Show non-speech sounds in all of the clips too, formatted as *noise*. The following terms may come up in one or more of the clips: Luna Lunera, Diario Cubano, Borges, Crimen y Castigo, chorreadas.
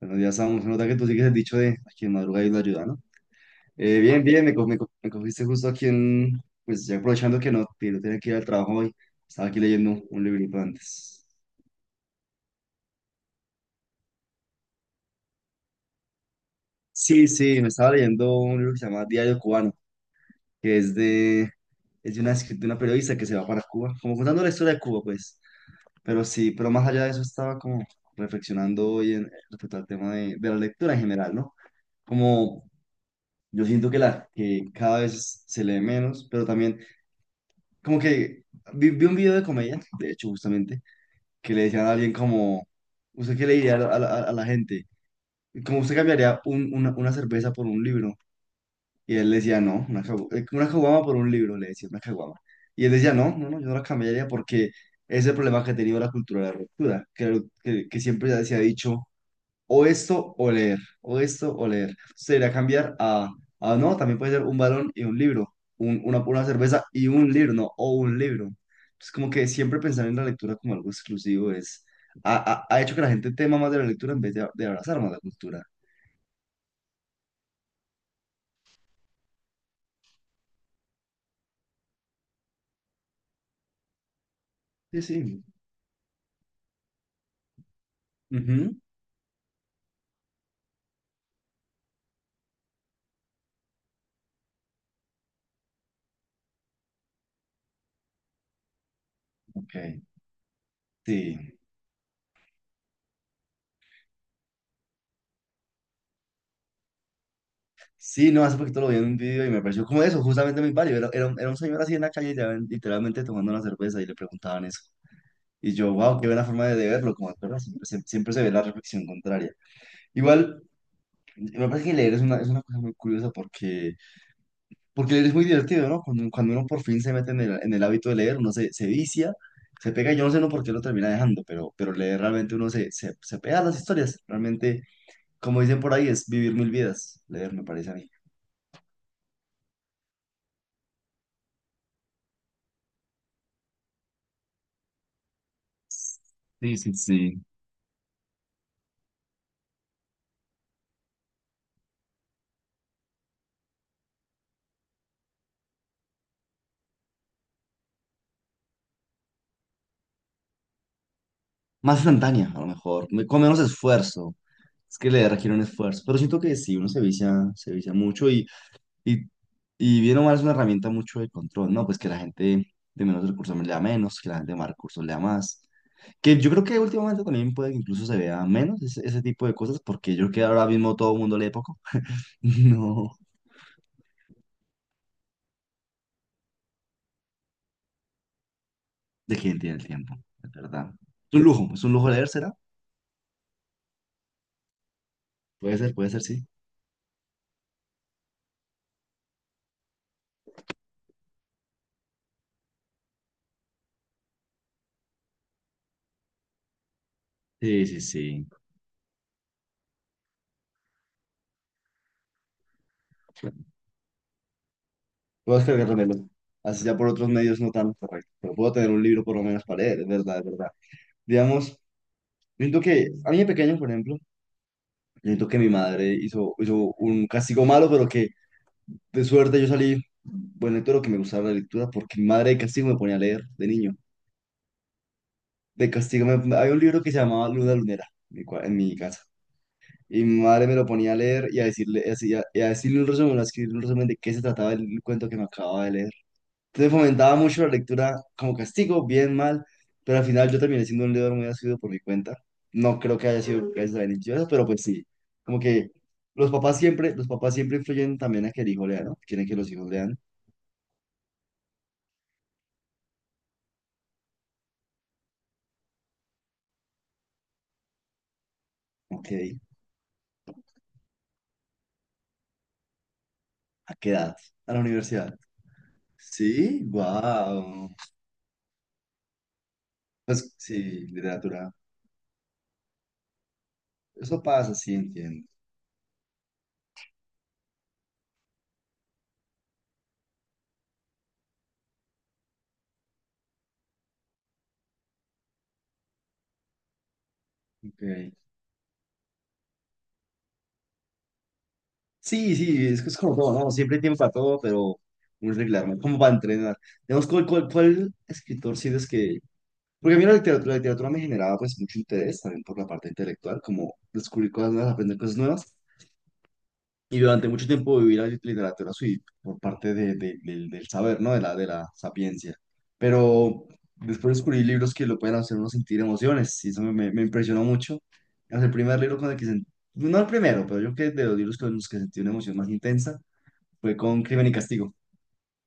Bueno, ya estamos, se nota que tú sigues el dicho de aquí en madruga y la ayuda, ¿no? Bien, bien, me cogiste justo aquí en, pues ya aprovechando que no tenía que ir al trabajo hoy, estaba aquí leyendo un librito antes. Sí, sí, me estaba leyendo un libro que se llama Diario Cubano, que es de una, de una periodista que se va para Cuba, como contando la historia de Cuba, pues. Pero sí, pero más allá de eso estaba como reflexionando hoy en, respecto al tema de la lectura en general, ¿no? Como yo siento que cada vez se lee menos, pero también como que vi un video de comedia, de hecho, justamente, que le decían a alguien como, ¿usted qué le diría a la gente? Como usted cambiaría una cerveza por un libro. Y él le decía, no, una, una caguama por un libro, le decía, una caguama. Y él decía, no, no, no, yo no la cambiaría porque es el problema que ha tenido la cultura de la ruptura, que siempre se ha dicho o esto o leer, o esto o leer. Usted irá a cambiar a no, también puede ser un balón y un libro, una cerveza y un libro, no, o un libro. Es como que siempre pensar en la lectura como algo exclusivo es, ha hecho que la gente tema más de la lectura en vez de abrazar más la cultura. Sí, sí. Ujú, ok, sí. Sí, no, hace poquito lo vi en un video y me pareció como eso, justamente muy válido. Era un señor así en la calle, ya, literalmente tomando una cerveza y le preguntaban eso. Y yo, wow, qué buena forma de verlo, como autora, siempre se ve la reflexión contraria. Igual, me parece que leer es una cosa muy curiosa porque, porque leer es muy divertido, ¿no? Cuando uno por fin se mete en el hábito de leer, se vicia, se pega, yo no sé no por qué lo termina dejando, pero leer realmente se pega a las historias. Realmente, como dicen por ahí, es vivir 1000 vidas, leer me parece a mí. Sí, sí, sí. Más instantánea, a lo mejor, con menos esfuerzo. Es que leer requiere un esfuerzo, pero siento que sí, uno se vicia mucho y Y, y bien o mal es una herramienta mucho de control, ¿no? Pues que la gente de menos recursos lea menos, que la gente de más recursos lea más. Que yo creo que últimamente también puede que incluso se vea menos ese tipo de cosas, porque yo creo que ahora mismo todo el mundo lee poco. *laughs* No, de quién tiene el tiempo, es verdad. Es un lujo leer, ¿será? Puede ser, sí. Sí, sí, sí. Puedo descargar también, así ya por otros medios no tan correcto, pero puedo tener un libro por lo menos para leer, es verdad, es verdad. Digamos, siento que a mí de pequeño, por ejemplo, yo siento que mi madre hizo un castigo malo, pero que de suerte yo salí buen lector o que me gustaba la lectura, porque mi madre de castigo me ponía a leer de niño. De castigo, había un libro que se llamaba Luna Lunera en en mi casa. Y mi madre me lo ponía a leer y a decirle, y a decirle un resumen, a escribir un resumen de qué se trataba el cuento que me acababa de leer. Entonces fomentaba mucho la lectura como castigo, bien, mal, pero al final yo terminé siendo un leidor muy asiduo por mi cuenta. No creo que haya sido gracias a la iniciativa, pero pues sí, como que los papás siempre influyen también a que el hijo lea, ¿no? Quieren que los hijos lean. Ok, ¿a qué edad? A la universidad. Sí, wow. Pues sí, literatura. Eso pasa, sí, entiendo. Okay. Sí, sí, es que es como todo, ¿no? Siempre hay tiempo para todo, pero muy regular, ¿no? Como para entrenar. Digamos, ¿cuál escritor sientes que porque a mí la literatura me generaba pues mucho interés también por la parte intelectual, como descubrir cosas nuevas, aprender cosas nuevas. Y durante mucho tiempo viví la literatura sí, por parte del del saber, ¿no? De la sapiencia. Pero después descubrí libros que lo pueden hacer uno sentir emociones y eso me impresionó mucho. Es el primer libro con el que sentí, no el primero, pero yo creo que de los libros con los que sentí una emoción más intensa fue con Crimen y Castigo.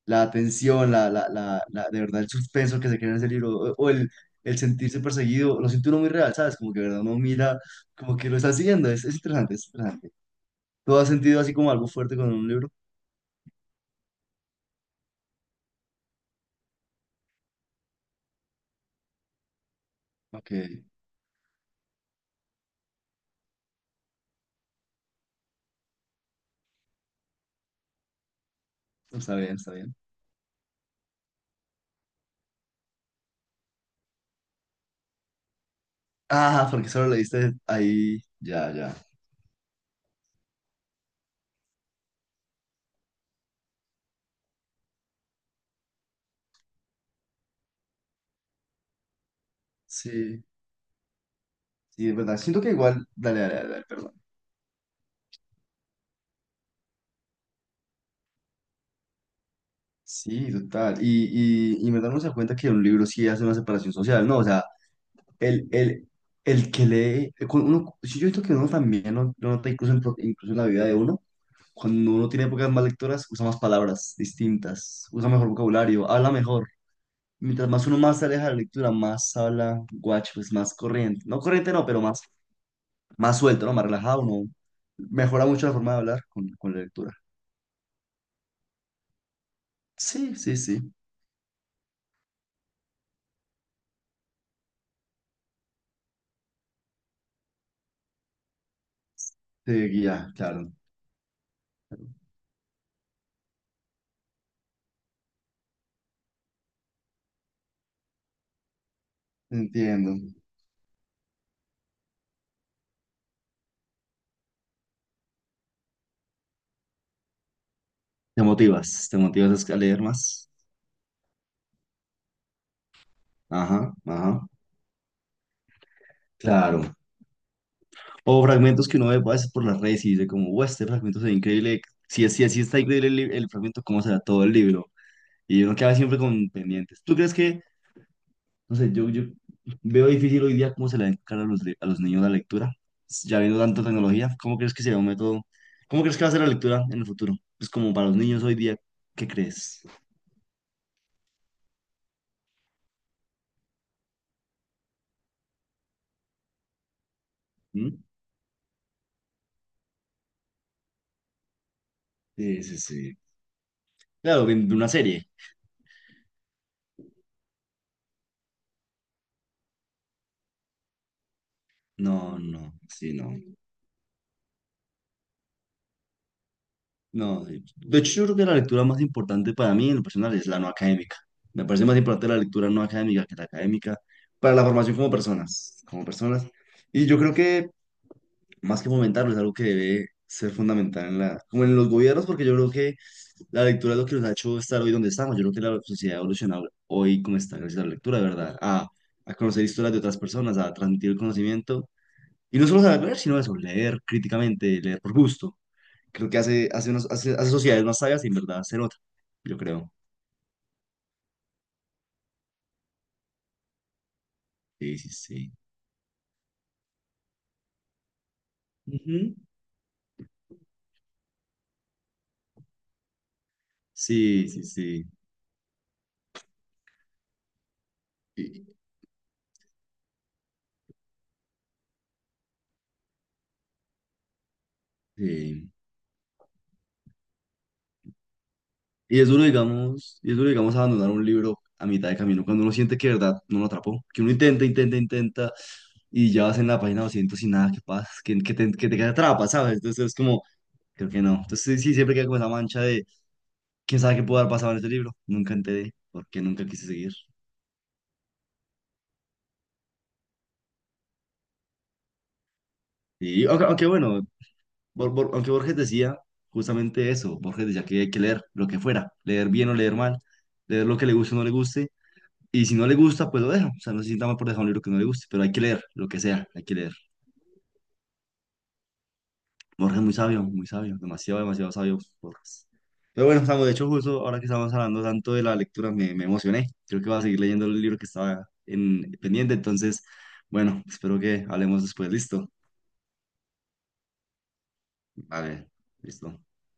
La atención, de verdad el suspenso que se crea en ese libro, o el sentirse perseguido, lo siente uno muy real, ¿sabes? Como que de verdad uno mira, como que lo está siguiendo, es interesante, es interesante. ¿Tú has sentido así como algo fuerte con un libro? Ok, no, está bien, está bien. Ah, porque solo leíste ahí, ya, ya. Sí, sí, de verdad, siento que igual, dale, dale, dale, dale, perdón. Sí, total. Y en verdad uno se da cuenta que un libro sí hace una separación social, ¿no? O sea, El, el, el que lee, con uno, sí, yo siento que uno también lo nota incluso en, incluso en la vida de uno, cuando uno tiene épocas más lectoras, usa más palabras distintas, usa mejor vocabulario, habla mejor. Mientras más uno más se aleja de la lectura, más habla guacho, pues más corriente. No corriente, no, pero más, más suelto, ¿no? Más relajado, uno mejora mucho la forma de hablar con la lectura. Sí, sí, sí. Te guía, claro. Entiendo. Te motivas a leer más. Ajá, ajá. Claro. O fragmentos que uno ve a veces por las redes y dice como, wow, este fragmento se ve increíble. Si está increíble el fragmento, ¿cómo será todo el libro? Y uno queda siempre con pendientes. ¿Tú crees que, no sé, yo veo difícil hoy día cómo se le va a inculcar a a los niños la lectura? Ya viendo tanta tecnología, ¿cómo crees que será un método? ¿Cómo crees que va a ser la lectura en el futuro? Pues como para los niños hoy día, ¿qué crees? ¿Mm? Sí, sí, sí. Claro, de una serie. No, no, sí, no. No, sí. De hecho yo creo que la lectura más importante para mí en lo personal es la no académica. Me parece más importante la lectura no académica que la académica para la formación como personas, como personas. Y yo creo que más que fomentarlo es algo que debe ser fundamental en la, como en los gobiernos, porque yo creo que la lectura es lo que nos ha hecho estar hoy donde estamos. Yo creo que la sociedad ha evolucionado hoy como está gracias a la lectura, de verdad, a conocer historias de otras personas, a transmitir el conocimiento. Y no solo saber, sino eso, leer críticamente, leer por gusto. Creo que hace, hace, hace sociedades más sabias y en verdad se nota, yo creo. Sí, sí, sí. Ujú. Sí, sí, sí. Y, sí. Y es duro, digamos, y es duro, digamos, abandonar un libro a mitad de camino cuando uno siente que de verdad no lo atrapó, que uno intenta, intenta, intenta y ya vas en la página 200 y nada, que pasa, que te atrapa, ¿sabes? Entonces es como, creo que no. Entonces sí, sí, siempre queda como esa mancha de, ¿quién sabe qué pudo haber pasado en este libro? Nunca enteré, porque nunca quise seguir. Y aunque, aunque bueno, aunque Borges decía justamente eso, Borges decía que hay que leer lo que fuera, leer bien o leer mal, leer lo que le guste o no le guste, y si no le gusta, pues lo deja, o sea, no se sienta mal por dejar un libro que no le guste, pero hay que leer lo que sea, hay que leer. Borges muy sabio, demasiado, demasiado sabio Borges. Pero bueno, estamos, de hecho, justo ahora que estamos hablando tanto de la lectura, me emocioné, creo que voy a seguir leyendo el libro que estaba en, pendiente, entonces, bueno, espero que hablemos después, listo, vale, listo.